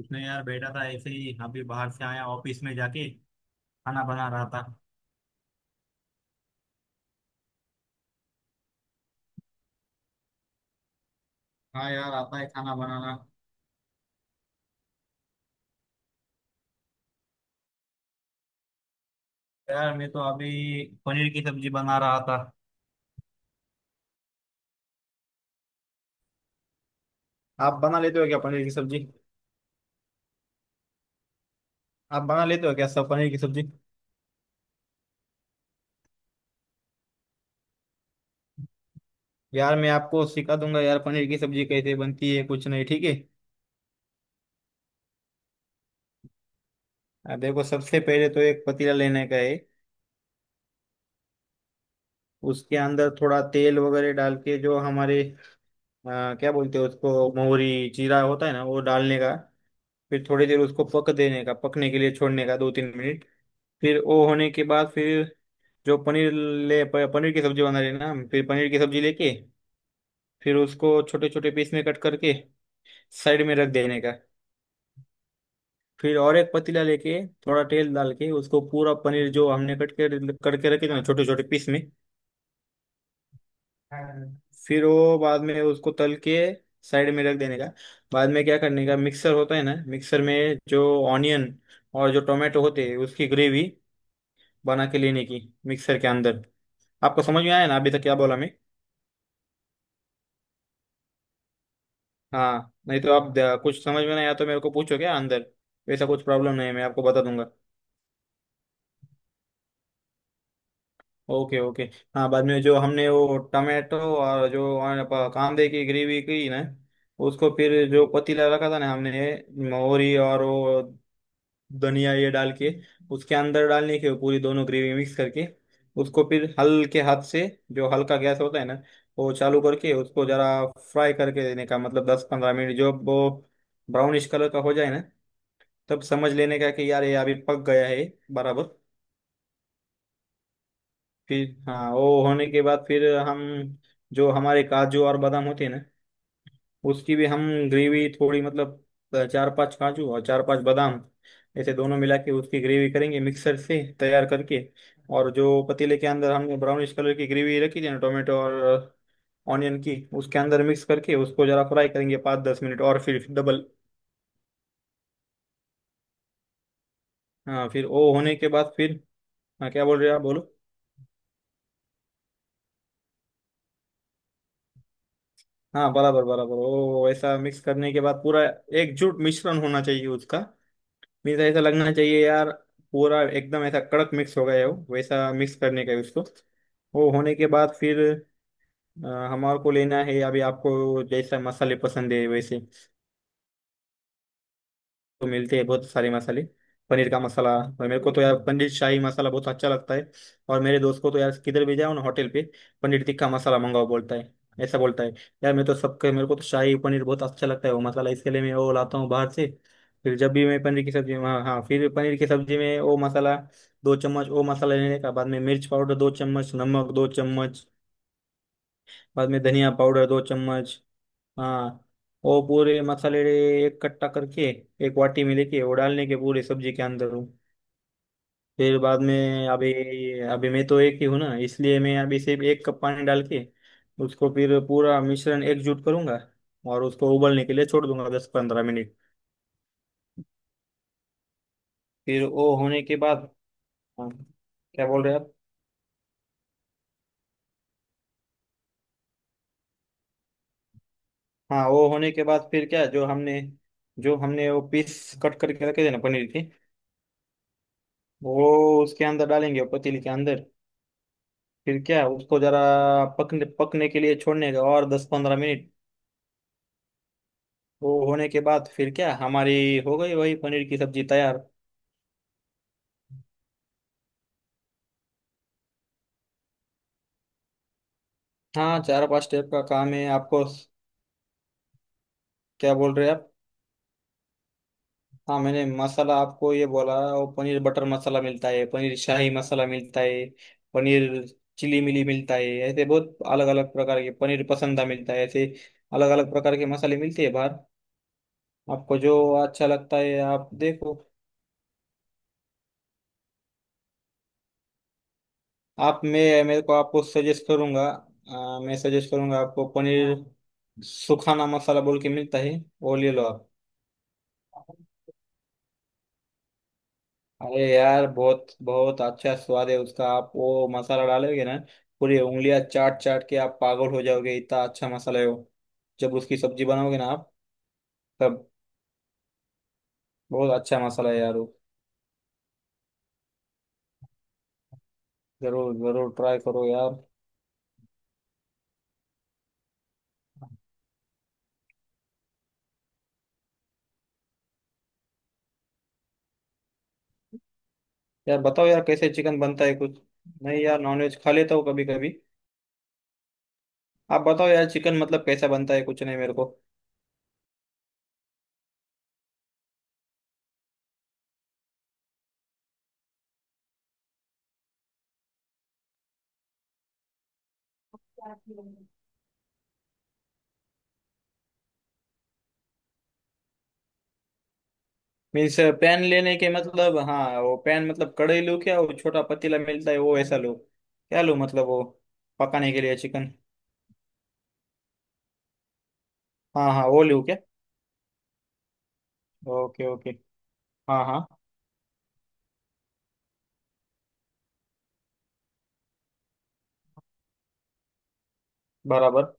उसने यार बैठा था ऐसे ही। अभी बाहर से आया ऑफिस में जाके खाना बना रहा था। हाँ यार, आता है खाना बनाना। यार मैं तो अभी पनीर की सब्जी बना रहा था। आप बना लेते हो क्या पनीर की सब्जी? आप बना लेते हो क्या सब पनीर की सब्जी? यार मैं आपको सिखा दूंगा यार, पनीर की सब्जी कैसे बनती है, कुछ नहीं, ठीक है। देखो, सबसे पहले तो एक पतीला लेने का है। उसके अंदर थोड़ा तेल वगैरह डाल के, जो हमारे क्या बोलते हैं उसको, मोहरी जीरा होता है ना, वो डालने का। फिर थोड़ी देर उसको पक देने का, पकने के लिए छोड़ने का 2-3 मिनट। फिर वो होने के बाद फिर जो पनीर पनीर की सब्जी बना लेना, फिर पनीर की सब्जी लेके फिर उसको छोटे छोटे पीस में कट करके साइड में रख देने का। फिर और एक पतीला लेके थोड़ा तेल डाल के उसको पूरा पनीर जो हमने कट के करके रखे थे ना छोटे छोटे पीस में, फिर वो बाद में उसको तल के साइड में रख देने का। बाद में क्या करने का, मिक्सर होता है ना, मिक्सर में जो ऑनियन और जो टोमेटो होते हैं उसकी ग्रेवी बना के लेने की, मिक्सर के अंदर। आपको समझ में आया ना अभी तक क्या बोला मैं? हाँ, नहीं तो कुछ समझ में नहीं आया तो मेरे को पूछो, क्या अंदर वैसा कुछ प्रॉब्लम नहीं है, मैं आपको बता दूंगा। Okay okay. हाँ, बाद में जो हमने वो टमाटो और जो हमारे कांदे की ग्रेवी की ना, उसको फिर जो पतीला रखा था ना हमने, मोहरी और वो धनिया ये डाल के उसके अंदर डालने के, पूरी दोनों ग्रेवी मिक्स करके उसको फिर हल्के हाथ से, जो हल्का गैस होता है ना वो चालू करके उसको जरा फ्राई करके देने का, मतलब 10-15 मिनट, जो वो ब्राउनिश कलर का हो जाए ना तब समझ लेने का कि यार ये अभी पक गया है बराबर। फिर हाँ, वो होने के बाद फिर हम, जो हमारे काजू और बादाम होते हैं ना, उसकी भी हम ग्रेवी थोड़ी मतलब चार पांच काजू और चार पांच बादाम, ऐसे दोनों मिला के उसकी ग्रेवी करेंगे मिक्सर से तैयार करके, और जो पतीले के अंदर हमने ब्राउनिश कलर की ग्रेवी रखी थी ना टोमेटो और ऑनियन की, उसके अंदर मिक्स करके उसको जरा फ्राई करेंगे 5-10 मिनट और फिर डबल। हाँ, फिर वो होने के बाद फिर, हाँ क्या बोल रहे हो आप, बोलो। हाँ बराबर बराबर, वो ऐसा मिक्स करने के बाद पूरा एकजुट मिश्रण होना चाहिए उसका। मीन्स ऐसा लगना चाहिए यार, पूरा एकदम ऐसा कड़क मिक्स हो गया हो, वैसा मिक्स करने का है उसको। वो होने के बाद फिर हमारे को लेना है, अभी आपको जैसा मसाले पसंद है वैसे, तो मिलते हैं बहुत सारे मसाले, पनीर का मसाला। और मेरे को तो यार पनीर शाही मसाला बहुत अच्छा लगता है। और मेरे दोस्त को तो यार, किधर भी जाओ ना होटल पे, पनीर टिक्का मसाला मंगाओ, बोलता है, ऐसा बोलता है। यार मैं तो सबके, मेरे को तो शाही पनीर बहुत अच्छा लगता है, वो मसाला इसके लिए मैं वो लाता हूँ बाहर से। फिर जब भी मैं पनीर की सब्जी, हाँ हाँ, फिर पनीर की सब्जी में वो मसाला, 2 चम्मच वो मसाला लेने का, बाद में मिर्च पाउडर 2 चम्मच, नमक 2 चम्मच, बाद में धनिया पाउडर 2 चम्मच। हाँ, वो पूरे मसाले एक कट्टा करके एक वाटी में लेके वो डालने के पूरे सब्जी के अंदर वो। फिर बाद में अभी, अभी मैं तो एक ही हूँ ना, इसलिए मैं अभी सिर्फ 1 कप पानी डाल के उसको फिर पूरा मिश्रण एकजुट करूंगा और उसको उबलने के लिए छोड़ दूंगा 10-15 मिनट। फिर वो होने के बाद, हाँ, क्या बोल रहे हैं आप? हाँ, वो होने के बाद फिर क्या, जो हमने वो पीस कट करके रखे थे ना पनीर के, वो उसके अंदर डालेंगे पतीली के अंदर। फिर क्या उसको जरा पकने, पकने के लिए छोड़ने का और 10-15 मिनट। वो होने के बाद फिर क्या, हमारी हो गई वही पनीर की सब्जी तैयार। हाँ, चार पांच स्टेप का काम है आपको। क्या बोल रहे हैं आप? हाँ, मैंने मसाला आपको ये बोला, वो पनीर बटर मसाला मिलता है, पनीर शाही मसाला मिलता है, पनीर चिली मिली मिलता है, ऐसे बहुत अलग अलग प्रकार के पनीर पसंदा मिलता है, ऐसे अलग अलग प्रकार के मसाले मिलते हैं बाहर। आपको जो अच्छा लगता है आप देखो। आप, मैं मेरे को, आपको सजेस्ट करूंगा मैं सजेस्ट करूंगा आपको पनीर सुखाना मसाला बोल के मिलता है, वो ले लो आप। अरे यार बहुत बहुत अच्छा स्वाद है उसका, आप वो मसाला डालोगे ना, पूरी उंगलियां चाट चाट के आप पागल हो जाओगे, इतना अच्छा मसाला है वो, जब उसकी सब्जी बनाओगे ना आप तब। बहुत अच्छा मसाला है यार वो। जरूर जरूर ट्राई करो यार। यार बताओ यार कैसे चिकन बनता है, कुछ नहीं यार नॉनवेज खा लेता हूँ कभी कभी। आप बताओ यार, चिकन मतलब कैसा बनता है कुछ नहीं मेरे को। मीन्स, पेन लेने के मतलब, हाँ वो पेन मतलब कड़े लूँ क्या, वो छोटा पतीला मिलता है वो ऐसा लूँ क्या, लूँ मतलब वो, पकाने के लिए चिकन। हाँ हाँ, वो लूँ क्या? Okay okay. हाँ हाँ बराबर।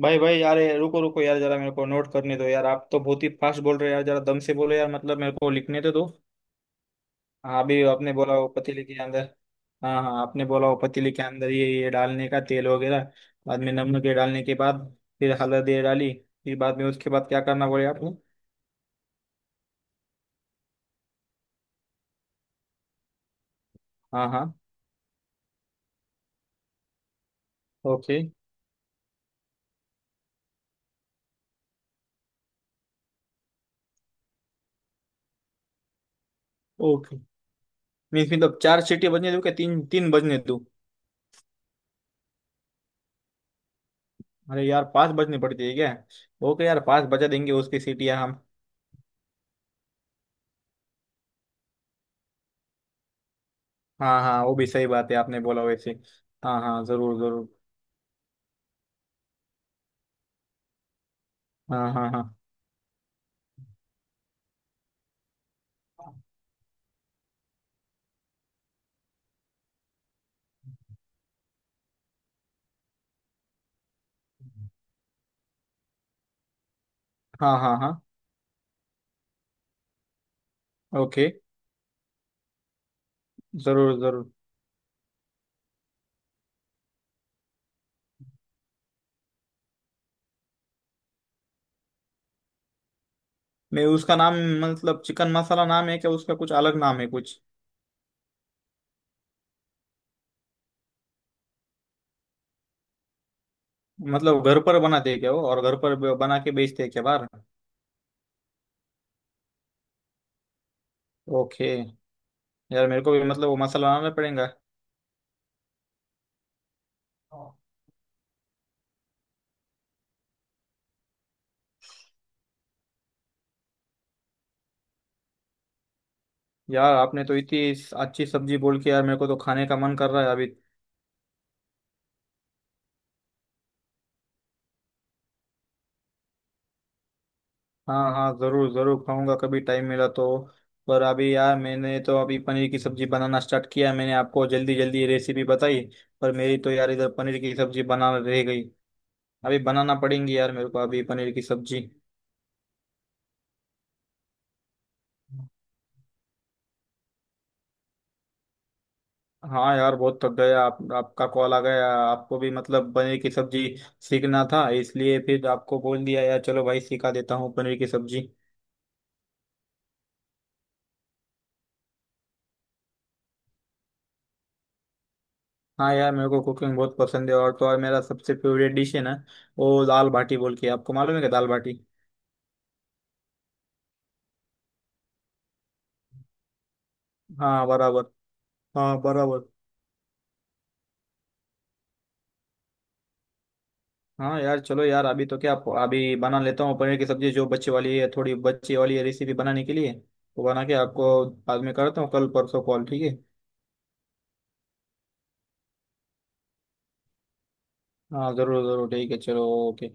भाई भाई यार, ये रुको रुको यार, जरा मेरे को नोट करने दो यार, आप तो बहुत ही फास्ट बोल रहे हो यार, जरा दम से बोलो यार, मतलब मेरे को लिखने तो दो। हाँ, अभी आपने बोला वो पतीले के अंदर, हाँ हाँ आपने बोला वो पतीले के अंदर ये डालने का तेल वगैरह, बाद में नमक ये डालने के बाद फिर हल्दी ये डाली, फिर बाद में उसके बाद क्या करना बोले आप? हाँ हाँ, ओके ओके। मीन्स, मतलब चार सीटी बजने दूं क्या, तीन तीन बजने दूं? अरे यार पांच बजने पड़ती है क्या? ओके यार, पांच बजा देंगे उसकी सीटियां हम। हाँ हाँ, वो भी सही बात है, आपने बोला वैसे। हाँ हाँ जरूर जरूर। हाँ हाँ हाँ। हाँ हाँ हाँ। ओके। जरूर जरूर। नहीं, उसका नाम, मतलब चिकन मसाला नाम है क्या उसका, कुछ अलग नाम है कुछ? मतलब घर पर बनाते हैं क्या वो, और घर पर बना के बेचते हैं क्या बाहर? ओके। यार मेरे को भी मतलब वो मसाला बनाना पड़ेगा। यार आपने तो इतनी अच्छी सब्जी बोल के यार, मेरे को तो खाने का मन कर रहा है अभी। हाँ हाँ जरूर जरूर, खाऊंगा कभी टाइम मिला तो। पर अभी यार मैंने तो अभी पनीर की सब्जी बनाना स्टार्ट किया है। मैंने आपको जल्दी जल्दी रेसिपी बताई, पर मेरी तो यार इधर पनीर की सब्जी बनाना रह गई, अभी बनाना पड़ेंगी यार मेरे को अभी पनीर की सब्जी। हाँ यार बहुत थक गया, आप, आपका कॉल आ गया, आपको भी मतलब पनीर की सब्जी सीखना था, इसलिए फिर आपको बोल दिया यार, चलो भाई सिखा देता हूँ पनीर की सब्जी। हाँ यार मेरे को कुकिंग बहुत पसंद है, और तो और मेरा सबसे फेवरेट डिश है ना, वो दाल बाटी बोल के, आपको मालूम है क्या दाल बाटी? हाँ बराबर। हाँ बराबर। हाँ यार चलो यार, अभी तो क्या, अभी बना लेता हूँ पनीर की सब्जी, जो बच्चे वाली है, थोड़ी बच्चे वाली है रेसिपी बनाने के लिए, तो बना के आपको बाद में करता हूँ कल परसों कॉल, ठीक है। हाँ जरूर जरूर ठीक है चलो ओके।